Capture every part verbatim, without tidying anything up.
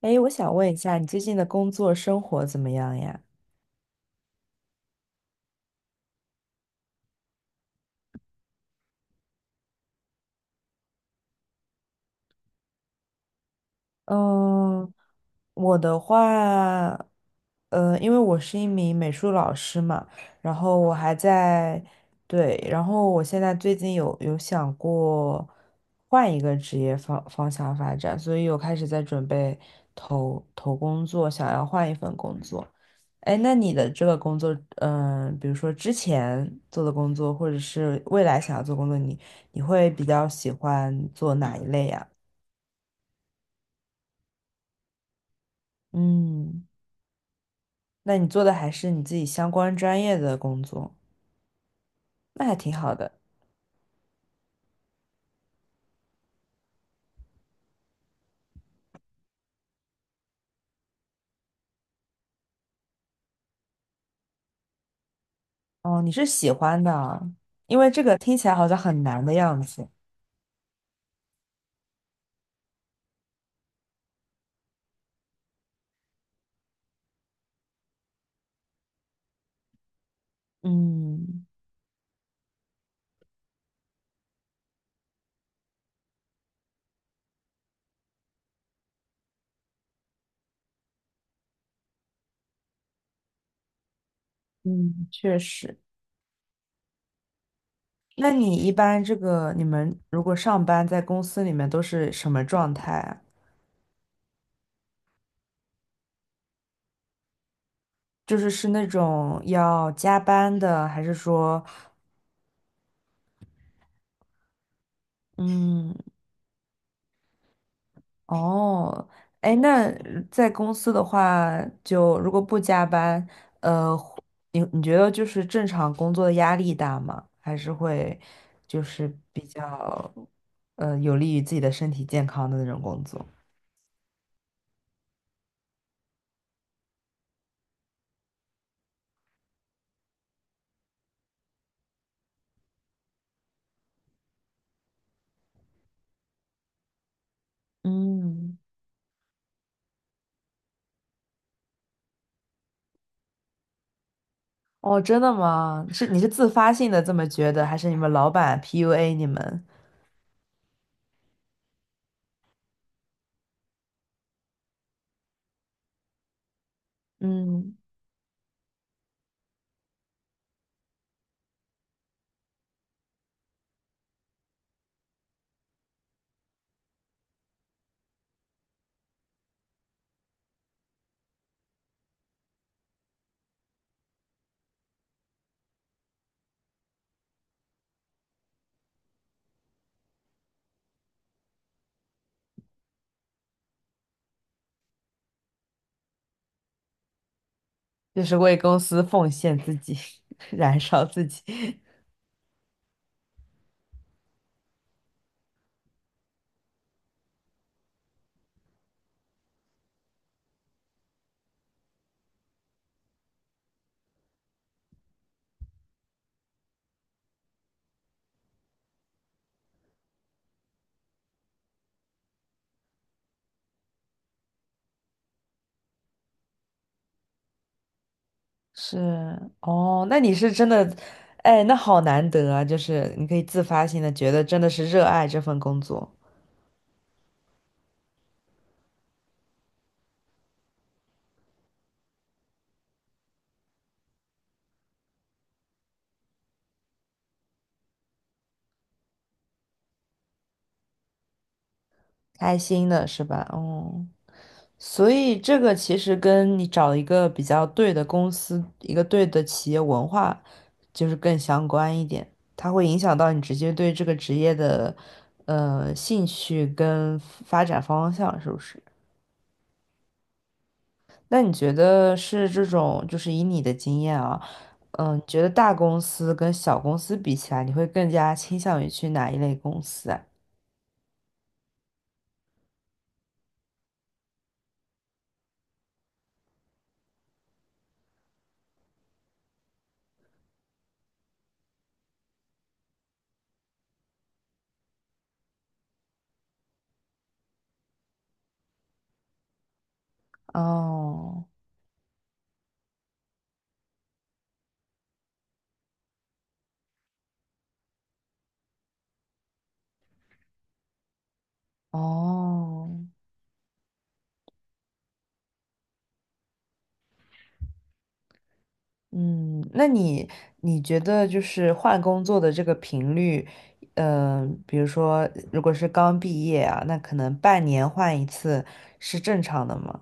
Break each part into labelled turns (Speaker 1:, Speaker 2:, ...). Speaker 1: 哎，我想问一下，你最近的工作生活怎么样呀？嗯，我的话，呃，因为我是一名美术老师嘛，然后我还在，对，然后我现在最近有有想过换一个职业方方向发展，所以我开始在准备投投工作，想要换一份工作。哎，那你的这个工作，嗯、比如说之前做的工作，或者是未来想要做工作，你你会比较喜欢做哪一类呀？嗯。那你做的还是你自己相关专业的工作，那还挺好的。哦，你是喜欢的啊。因为这个听起来好像很难的样子。嗯嗯，确实。那你一般这个，你们如果上班在公司里面都是什么状态啊？就是是那种要加班的，还是说，嗯，哦，哎，那在公司的话，就如果不加班，呃，你你觉得就是正常工作的压力大吗？还是会就是比较呃有利于自己的身体健康的那种工作？嗯，哦，真的吗？是你是自发性的这么觉得，还是你们老板 P U A 你们？嗯，就是为公司奉献自己，燃烧自己。是哦，那你是真的，哎，那好难得啊！就是你可以自发性的觉得真的是热爱这份工作，开心的是吧？哦，所以这个其实跟你找一个比较对的公司，一个对的企业文化，就是更相关一点，它会影响到你直接对这个职业的呃兴趣跟发展方向，是不是？那你觉得是这种，就是以你的经验啊，嗯，觉得大公司跟小公司比起来，你会更加倾向于去哪一类公司啊？哦，哦，嗯，那你你觉得就是换工作的这个频率，嗯、比如说如果是刚毕业啊，那可能半年换一次是正常的吗？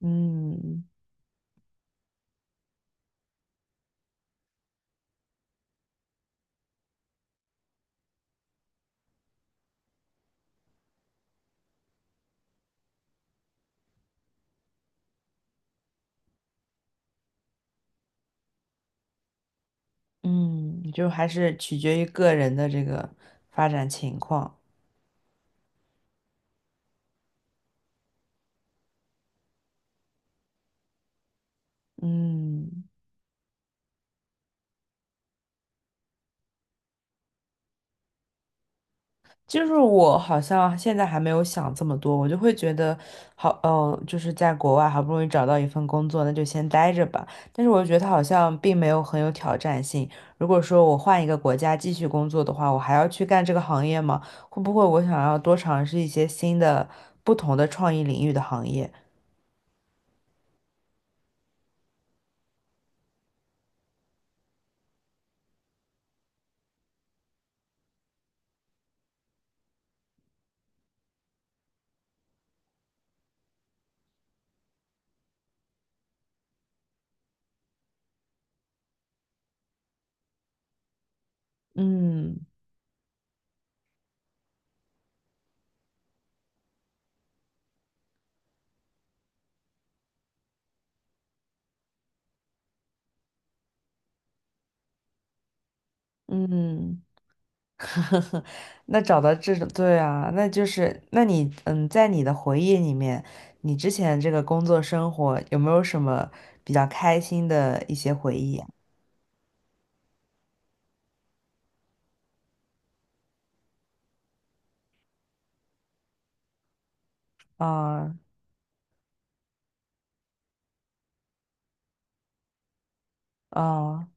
Speaker 1: 嗯嗯，就还是取决于个人的这个发展情况。嗯。就是我好像现在还没有想这么多，我就会觉得好，呃，就是在国外好不容易找到一份工作，那就先待着吧。但是我又觉得它好像并没有很有挑战性。如果说我换一个国家继续工作的话，我还要去干这个行业吗？会不会我想要多尝试一些新的、不同的创意领域的行业？嗯嗯。那找到这种，对啊，那就是，那你，嗯，在你的回忆里面，你之前这个工作生活有没有什么比较开心的一些回忆啊？啊啊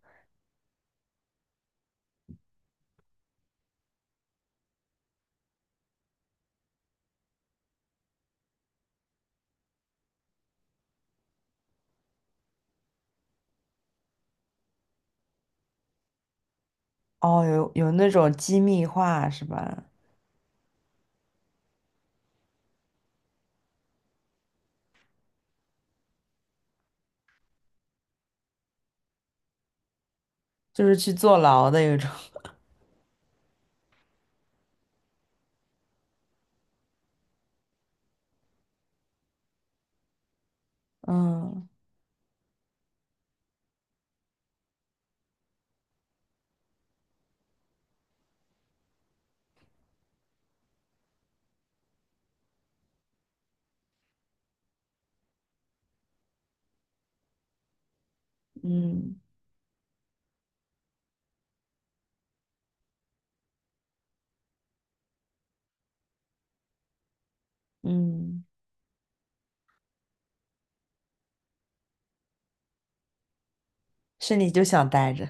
Speaker 1: 哦，有有那种机密化是吧？就是去坐牢的有种，嗯嗯嗯，是你就想待着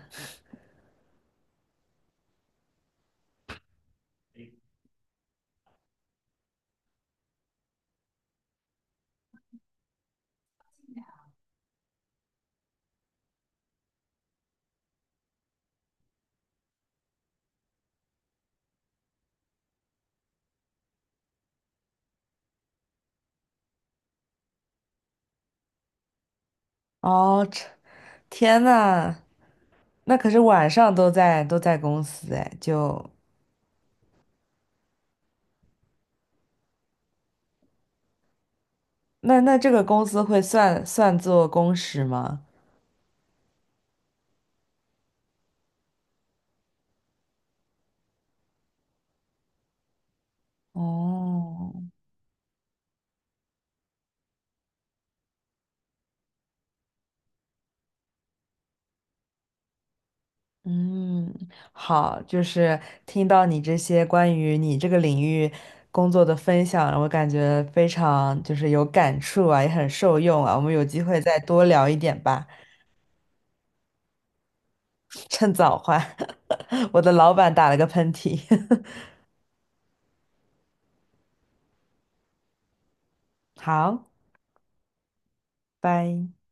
Speaker 1: 哦，这天呐，那可是晚上都在都在公司哎，就那那这个工资会算算作工时吗？哦，嗯，好，就是听到你这些关于你这个领域工作的分享，我感觉非常就是有感触啊，也很受用啊。我们有机会再多聊一点吧，趁早换。我的老板打了个喷嚏。好，拜。